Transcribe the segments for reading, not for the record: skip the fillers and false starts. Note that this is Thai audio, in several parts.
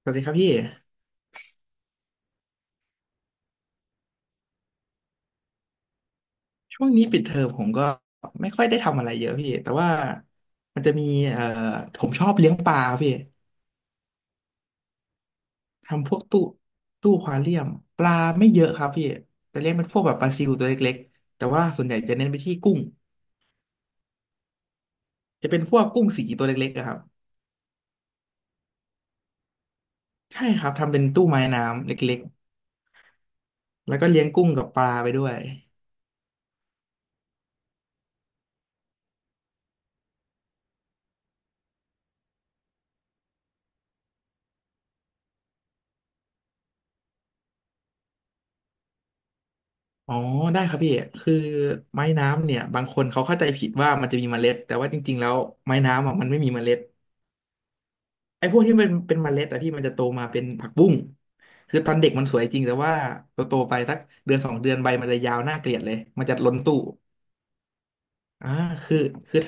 สวัสดีครับพี่ช่วงนี้ปิดเทอมผมก็ไม่ค่อยได้ทำอะไรเยอะพี่แต่ว่ามันจะมีเอ่อผมชอบเลี้ยงปลาพี่ทำพวกตู้อควาเรียมปลาไม่เยอะครับพี่จะเลี้ยงเป็นพวกแบบปลาซิวตัวเล็กๆแต่ว่าส่วนใหญ่จะเน้นไปที่กุ้งจะเป็นพวกกุ้งสีตัวเล็กๆอะครับใช่ครับทำเป็นตู้ไม้น้ำเล็กๆแล้วก็เลี้ยงกุ้งกับปลาไปด้วยอ๋อได้ครับพี่คือไม้น้ำเนี่ยบางคนเขาเข้าใจผิดว่ามันจะมีเมล็ดแต่ว่าจริงๆแล้วไม้น้ำอะมันไม่มีเมล็ด ไอ้พวกที่มันเป็นเมล็ดอะพี่มันจะโตมาเป็นผักบุ้งคือตอนเด็กมันสวยจริงแต่ว่าโตโตไปสักเดือนสองเดือนใบมันจะยาวน่าเกลียดเลยมันจะล้นตู้อ่าคือคือ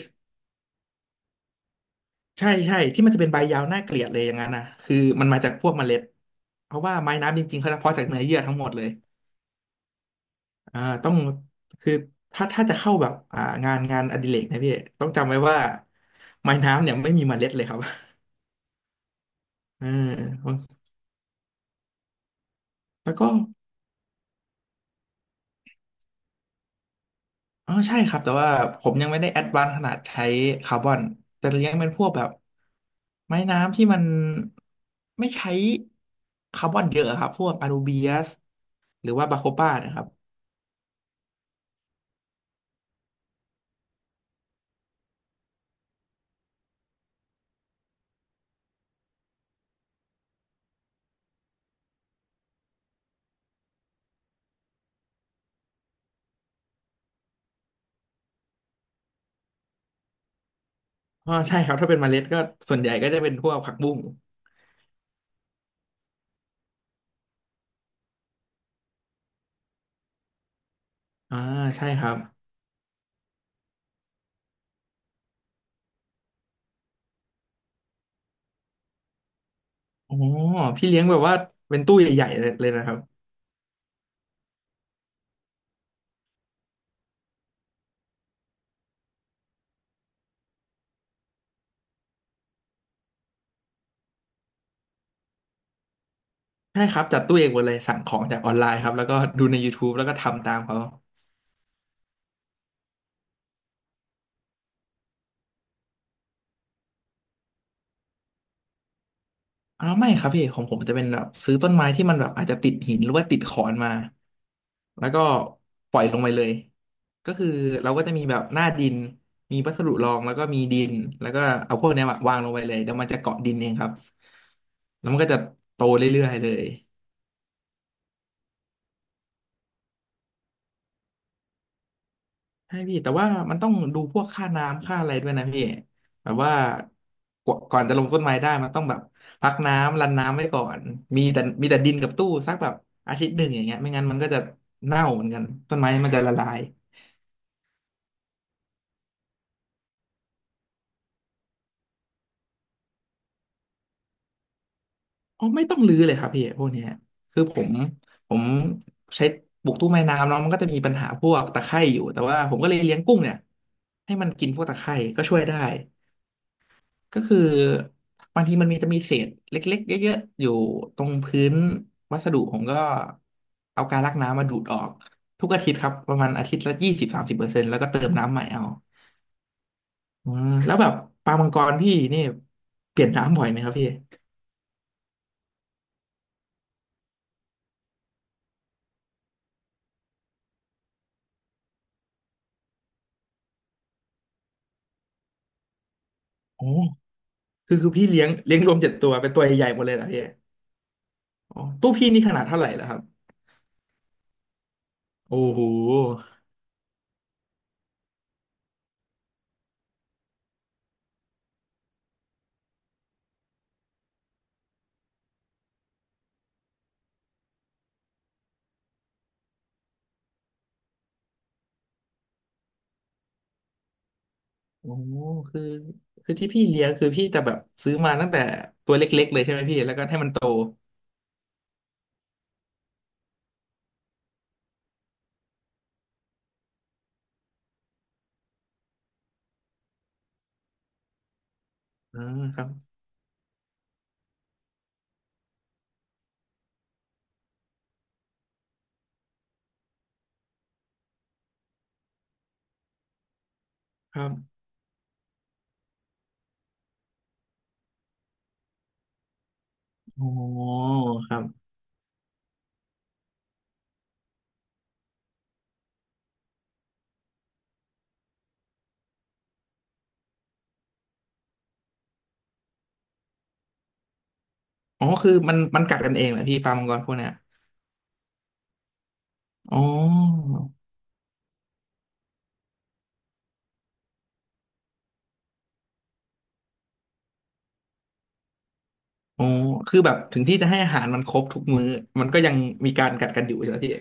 ใช่ใช่ที่มันจะเป็นใบยาวน่าเกลียดเลยอย่างนั้นนะคือมันมาจากพวกเมล็ดเพราะว่าไม้น้ำจริงๆเขาจะเพาะจากเนื้อเยื่อทั้งหมดเลยต้องคือถ้าจะเข้าแบบงานอดิเรกนะพี่ต้องจำไว้ว่าไม้น้ำเนี่ยไม่มีเมล็ดเลยครับเออแล้วก็ อ๋อใช่ครับแต่ว่าผมยังไม่ได้แอดวานซ์ขนาดใช้คาร์บอนแต่เลี้ยงเป็นพวกแบบไม้น้ำที่มันไม่ใช้คาร์บอนเยอะครับพวกอนูเบียสหรือว่าบาโคป้านะครับอ๋อใช่ครับถ้าเป็นเมล็ดก็ส่วนใหญ่ก็จะเป็นพวกผักบุ้งอ่าใช่ครับอ๋อพี่เลี้ยงแบบว่าเป็นตู้ใหญ่ๆเลยนะครับใช่ครับจัดตู้เองหมดเลยสั่งของจากออนไลน์ครับแล้วก็ดูใน YouTube แล้วก็ทำตามเขา อ่าไม่ครับพี่ของผมจะเป็นแบบซื้อต้นไม้ที่มันแบบอาจจะติดหินหรือว่าติดขอนมาแล้วก็ปล่อยลงไปเลยก็คือเราก็จะมีแบบหน้าดินมีวัสดุรองแล้วก็มีดินแล้วก็เอาพวกเนี้ยวางลงไปเลยเดี๋ยวมันจะเกาะดินเองครับแล้วมันก็จะโตเรื่อยๆเลย ใช่พี่แต่ว่ามันต้องดูพวกค่าน้ำค่าอะไรด้วยนะพี่แบบว่ากว่าก่อนจะลงต้นไม้ได้มันต้องแบบพักน้ำรันน้ำไว้ก่อนมีแต่ดินกับตู้สักแบบอาทิตย์หนึ่งอย่างเงี้ยไม่งั้นมันก็จะเน่าเหมือนกันต้นไม้มันจะละลายอ๋อไม่ต้องรื้อเลยครับพี่พวกเนี้ยคือผมใช้ปลูกตู้ไม้น้ำเนาะมันก็จะมีปัญหาพวกตะไคร่อยู่แต่ว่าผมก็เลยเลี้ยงกุ้งเนี่ยให้มันกินพวกตะไคร่ก็ช่วยได้ ก็คือบางทีมันมีจะมีเศษเล็กๆเยอะๆอยู่ตรงพื้นวัสดุผมก็เอากาลักน้ำมาดูดออกทุกอาทิตย์ครับประมาณอาทิตย์ละ20-30%แล้วก็เติมน้ำใหม่เอาอืมแล้วแบบปลามังกรพี่นี่เปลี่ยนน้ำบ่อยไหมครับพี่โอ้คือพี่เลี้ยงรวมเจ็ดตัวเป็นตัวใหญ่ๆหมดเลยเหรอพี่อ๋อตู้พี่นี่ขนาดเท่าไหร่แล้วครับโอ้โหโอ้คือคือที่พี่เลี้ยงคือพี่จะแบบซื้อมาตั้งแต่ตัวเล็กๆเลยใช่ไหมพี่แล้วก็ให้มันโตอ่าครับ ครับอ๋อครับอ๋อคือมันกัดกันเองแหละพี่ปลามังกรพวกเนี้ยอ๋ออ๋อคือแบบถึงที่จะให้อาหารมันครบทุกมื้อมันก็ยังมีการกัดกันอยู่ใช่ไหมพี่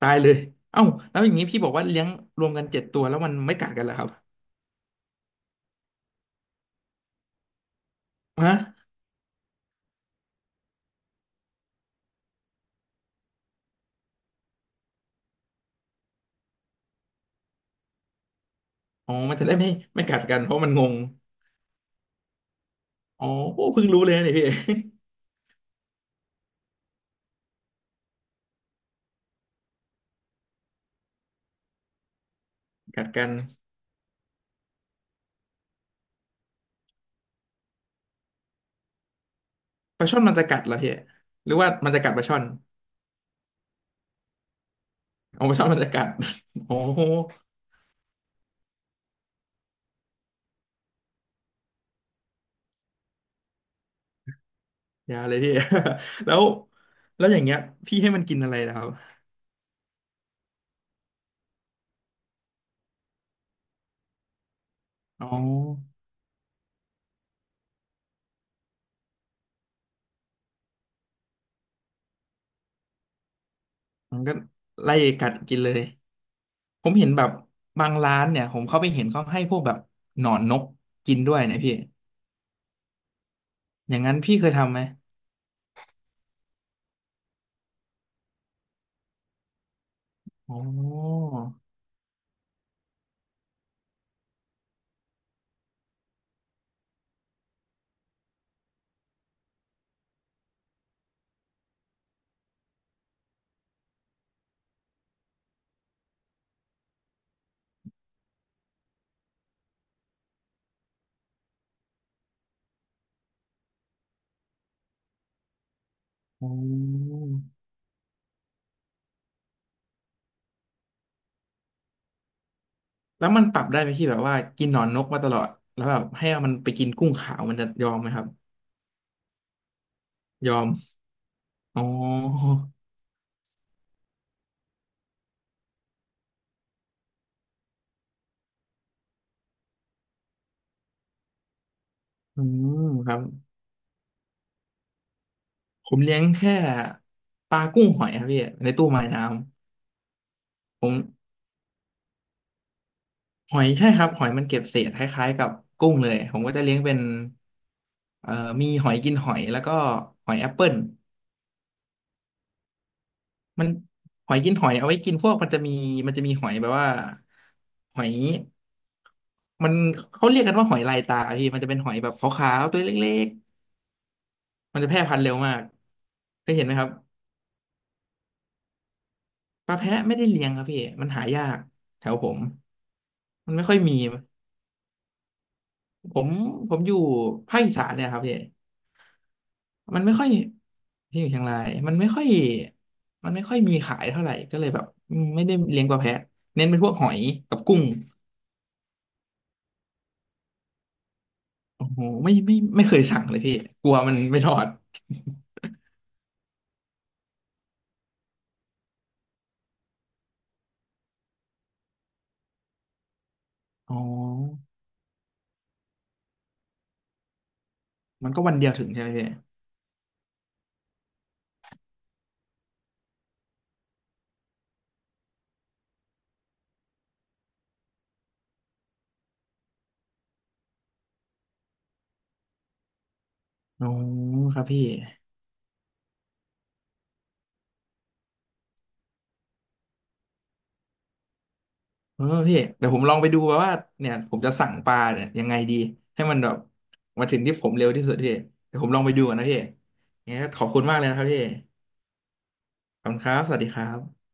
ตายเลยเอ้าแล้วอย่างนี้พี่บอกว่าเลี้ยงรวมกันเจ็ดตัวแล้วมันไม่กัดกันเหรอครับฮะอ๋อมันจะได้ไม่กัดกันเพราะมันงงอ๋อโอ้เพิ่งรู้เลยนะเนี่ยพี่ กัดกันปลาช่อนมันจะกัดเหรอพี่หรือว่ามันจะกัดปลาช่อนอ๋อปลาช่อนมันจะกัด โอ้ ยาเลยพี่ แล้วแล้วอย่างเงี้ยพี่ให้มันกินอะไรนะครับอ๋อมันก็ไล่กัดกินเลยผมเห็นแบบบางร้านเนี่ยผมเข้าไปเห็นเขาให้พวกแบบหนอนนกกินด้วยนะพี่อย่างนั้นพี่เคยทำไหมอ๋ออ๋อแล้วมันปรับได้ไหมพี่แบบว่ากินหนอนนกมาตลอดแล้วแบบให้มันไปกินกุ้งขาวมันจะยอมไหมครับยอมอ๋ออืมครับผมเลี้ยงแค่ปลากุ้งหอยครับพี่ในตู้ไม้น้ำผม หอยใช่ครับหอยมันเก็บเศษคล้ายๆกับกุ้งเลยผมก็จะเลี้ยงเป็นเอ่อมีหอยกินหอยแล้วก็หอยแอปเปิลมันหอยกินหอยเอาไว้กินพวกมันจะมีหอยแบบว่าหอยมันเขาเรียกกันว่าหอยลายตาพี่มันจะเป็นหอยแบบขาวๆตัวเล็กๆมันจะแพร่พันธุ์เร็วมากเคยเห็นไหมครับปลาแพะไม่ได้เลี้ยงครับพี่มันหายากแถวผมมันไม่ค่อยมีผมผมอยู่ภาคอีสานเนี่ยครับพี่ มันไม่ค่อยที่อยู่เชียงรายมันไม่ค่อยมีขายเท่าไหร่ก็เลยแบบอืมไม่ได้เลี้ยงปลาแพะเน้นเป็นพวกหอยกับกุ้งโอ้โหไม่เคยสั่งเลยพี่กลัวมันไม่ทอดอ๋อมันก็วันเดียวถึงใช่ไหมพี่อ๋อครับพี่เออพี่เดี๋ยวผมลองไปดูว่าเนี่ยผมจะสั่งปลาเนี่ยยังไงดีให้มันแบบมาถึงที่ผมเร็วที่สุดพี่เดี๋ยวผมลองไปดูก่อนนะพี่งั้นขอบคุณมากเลยนะครับพี่ขอบคุณครับสวัสดีครับ